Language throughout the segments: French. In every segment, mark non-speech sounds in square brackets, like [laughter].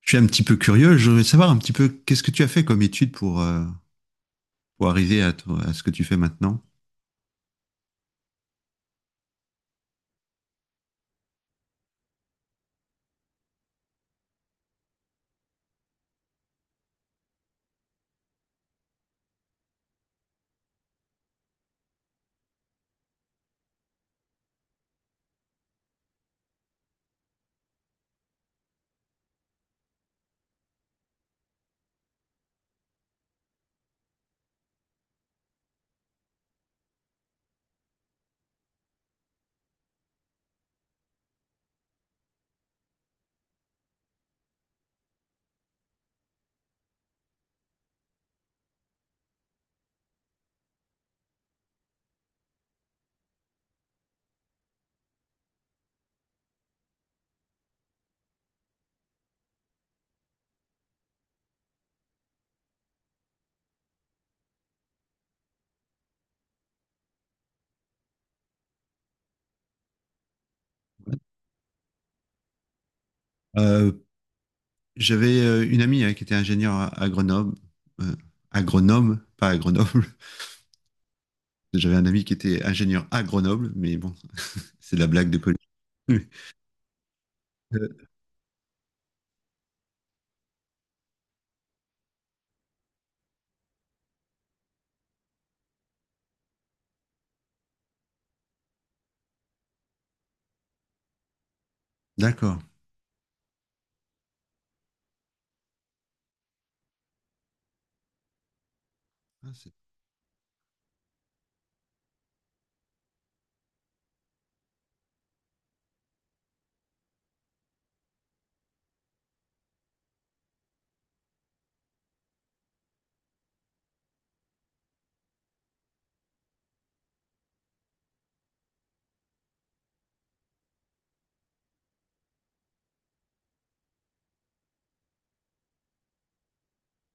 Je suis un petit peu curieux. Je voudrais savoir un petit peu qu'est-ce que tu as fait comme étude pour arriver à ce que tu fais maintenant. Euh, j'avais une amie, hein, qui était ingénieure euh, agronome, pas à Grenoble. [laughs] J'avais un ami qui était ingénieur à Grenoble, mais bon, [laughs] c'est de la blague de police. [laughs] Euh, D'accord. Ah,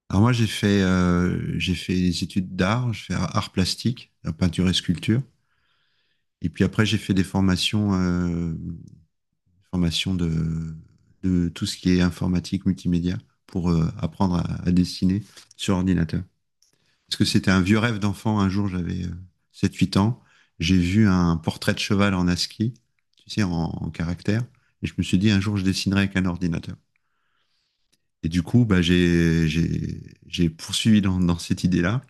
alors, moi, j'ai fait des études d'art. Je fais art plastique, la peinture et sculpture. Et puis après, j'ai fait des formations, formation de tout ce qui est informatique, multimédia, pour apprendre à, dessiner sur ordinateur. Parce que c'était un vieux rêve d'enfant. Un jour, j'avais 7-8 ans. J'ai vu un portrait de cheval en ASCII, tu sais, en caractère. Et je me suis dit, un jour, je dessinerai avec un ordinateur. Et du coup, bah, j'ai poursuivi dans cette idée-là.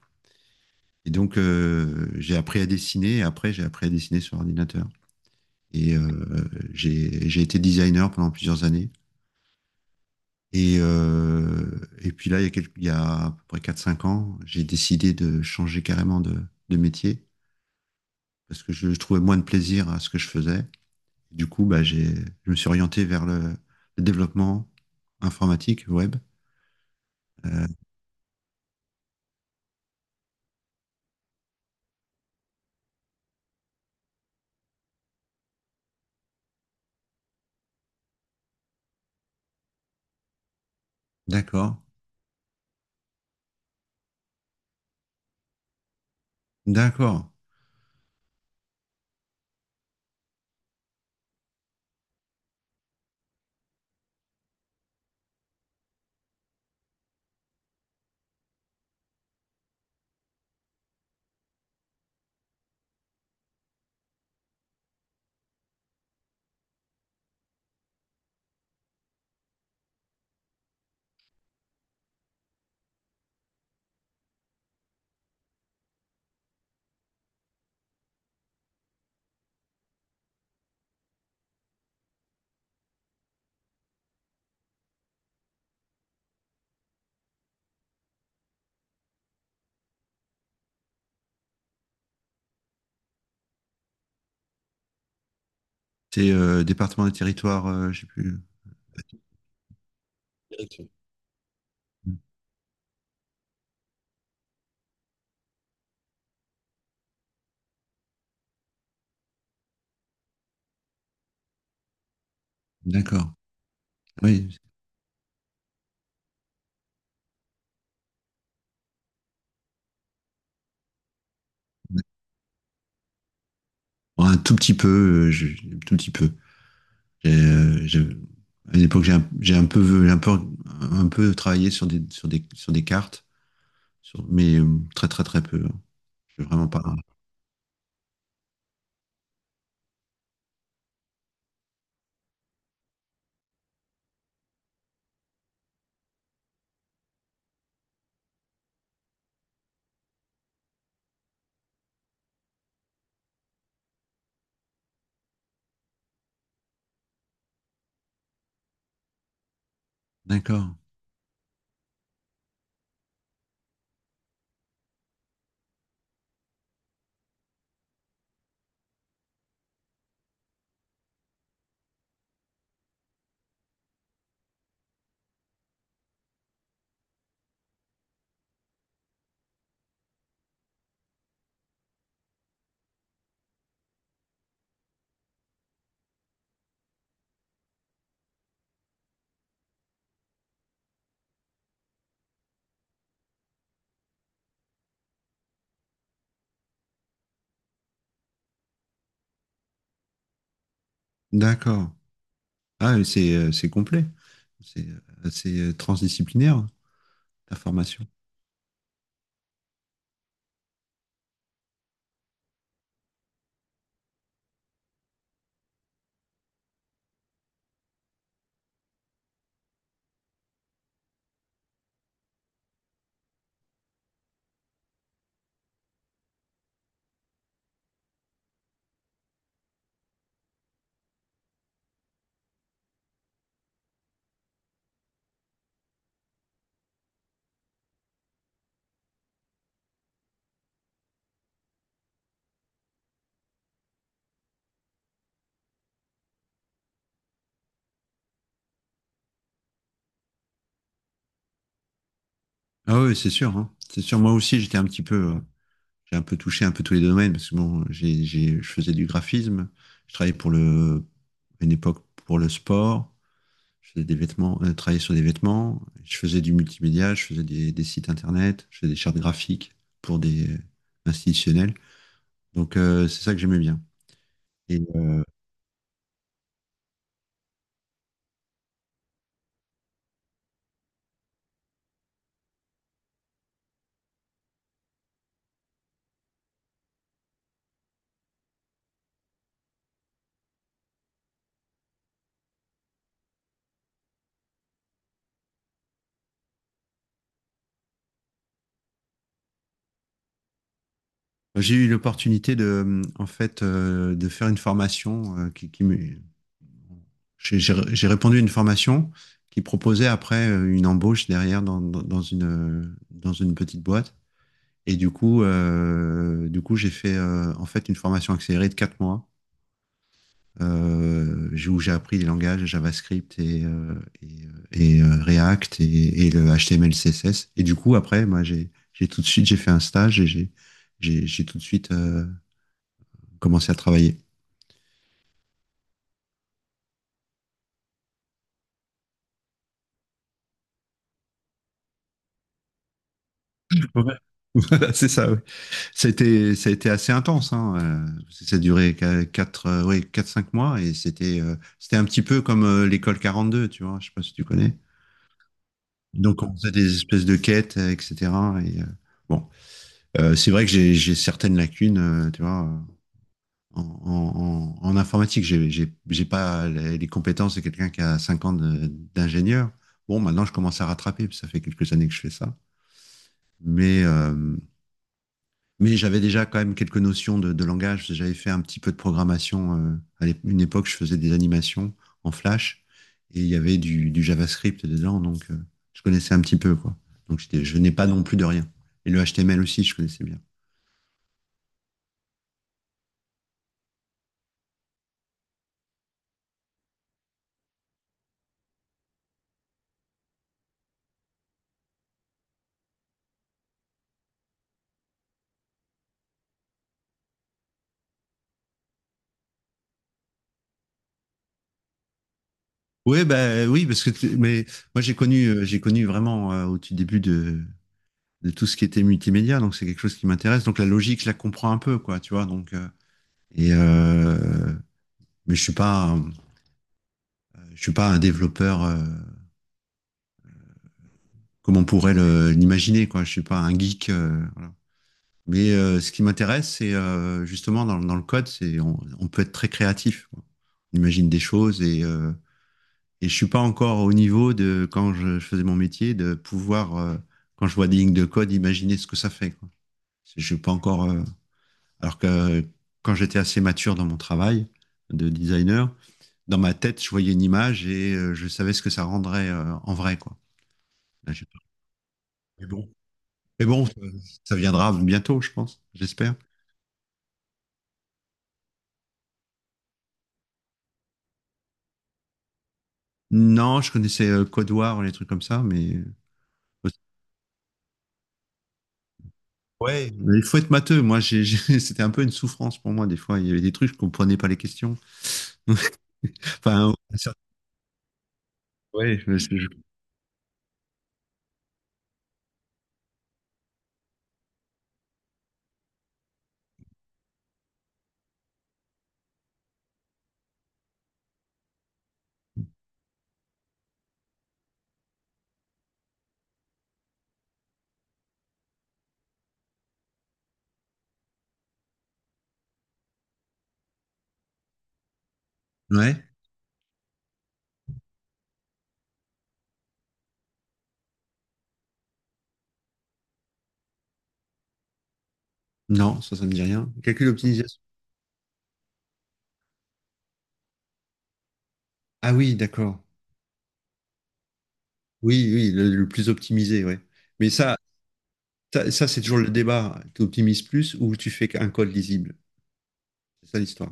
Et donc, j'ai appris à dessiner. Et après, j'ai appris à dessiner sur ordinateur. Et j'ai été designer pendant plusieurs années. Et puis là, il y a à peu près quatre cinq ans, j'ai décidé de changer carrément de métier parce que je trouvais moins de plaisir à ce que je faisais. Du coup, bah, je me suis orienté vers le développement informatique web. Euh, d'accord, d'accord. C'est département des territoires, je sais plus. Direction. D'accord. Oui. Bon, un tout petit peu, euh, je- un tout petit peu. J'ai, à une époque, j'ai un peu, un peu travaillé sur des cartes, mais très, très, très peu, hein. Je suis vraiment pas. D'accord, d'accord. Ah, c'est complet. C'est assez transdisciplinaire, ta formation. Ah oui, c'est sûr, hein. C'est sûr. Moi aussi, j'étais un petit peu, j'ai un peu touché un peu tous les domaines parce que bon, je faisais du graphisme. Je travaillais à une époque pour le sport. Je faisais des vêtements, travaillais sur des vêtements, je faisais du multimédia, je faisais des sites internet, je faisais des chartes graphiques pour des institutionnels. Donc, c'est ça que j'aimais bien. Et j'ai eu l'opportunité en fait, de faire une formation, qui me- j'ai répondu à une formation qui proposait après une embauche derrière dans une petite boîte. Et du coup, j'ai fait, en fait, une formation accélérée de 4 mois, où j'ai appris les langages JavaScript et React et le HTML, CSS. Et du coup, après, moi, j'ai tout de suite, j'ai fait un stage et j'ai tout de suite commencé à travailler. Ouais. [laughs] C'est ça, ouais. Ça a été assez intense, hein. Ça a duré 4 quatre cinq mois et c'était, c'était un petit peu comme l'école 42, tu vois, je sais pas si tu connais. Donc, on faisait des espèces de quêtes, etc. Et, bon, c'est vrai que j'ai certaines lacunes, tu vois, en informatique, j'ai pas les compétences de quelqu'un qui a 5 ans d'ingénieur. Bon, maintenant, je commence à rattraper, parce que ça fait quelques années que je fais ça. Mais, euh, mais j'avais déjà quand même quelques notions de langage, parce que j'avais fait un petit peu de programmation. À une époque, je faisais des animations en Flash, et il y avait du JavaScript dedans, donc je connaissais un petit peu, quoi. Donc, je n'ai pas non plus de rien. Et le HTML aussi, je connaissais bien. Ouais, bah oui, parce que mais moi j'ai connu vraiment, au tout début de tout ce qui était multimédia, donc c'est quelque chose qui m'intéresse. Donc, la logique, je la comprends un peu, quoi, tu vois. Et euh, mais je suis pas un développeur, comme on pourrait l'imaginer, quoi. Je suis pas un geek. Mais ce qui m'intéresse, c'est, justement dans le code, c'est on peut être très créatif, quoi. On imagine des choses, et je suis pas encore au niveau de quand je faisais mon métier de pouvoir, quand je vois des lignes de code, imaginer ce que ça fait, quoi. Je suis pas encore, alors que quand j'étais assez mature dans mon travail de designer, dans ma tête, je voyais une image et, je savais ce que ça rendrait, en vrai, quoi. Là, j'ai pas- Mais bon, mais bon, ça viendra bientôt, je pense, j'espère. Non, je connaissais, Code War, les trucs comme ça, mais... Ouais, mais il faut être matheux. Moi, [laughs] c'était un peu une souffrance pour moi. Des fois, il y avait des trucs, je comprenais pas les questions. [laughs] Enfin, ouais, ouais. Non, ça me dit rien. Calcul optimisation. Ah oui, d'accord. Oui, oui, le plus optimisé, ouais. Mais ça, c'est toujours le débat. Tu optimises plus ou tu fais un code lisible? C'est ça l'histoire.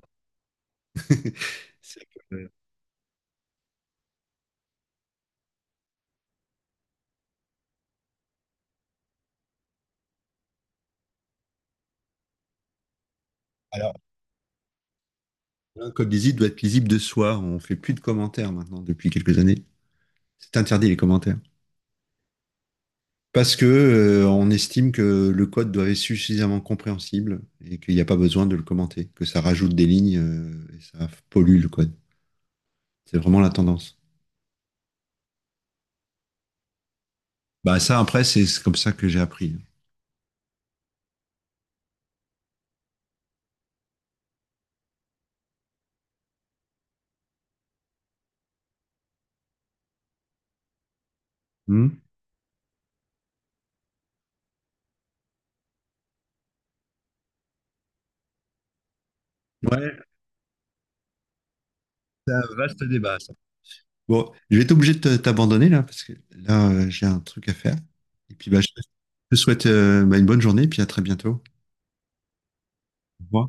[laughs] C'est que- euh, Alors, un code lisible doit être lisible de soi. On fait plus de commentaires maintenant depuis quelques années. C'est interdit les commentaires. Parce que, on estime que le code doit être suffisamment compréhensible et qu'il n'y a pas besoin de le commenter, que ça rajoute des lignes, et ça pollue le code. C'est vraiment la tendance. Bah ça, après, c'est comme ça que j'ai appris. Hmm, ouais, c'est un vaste débat, ça. Bon, je vais être obligé de t'abandonner là, parce que là, j'ai un truc à faire. Et puis, bah, je te souhaite, bah, une bonne journée et puis à très bientôt. Au revoir.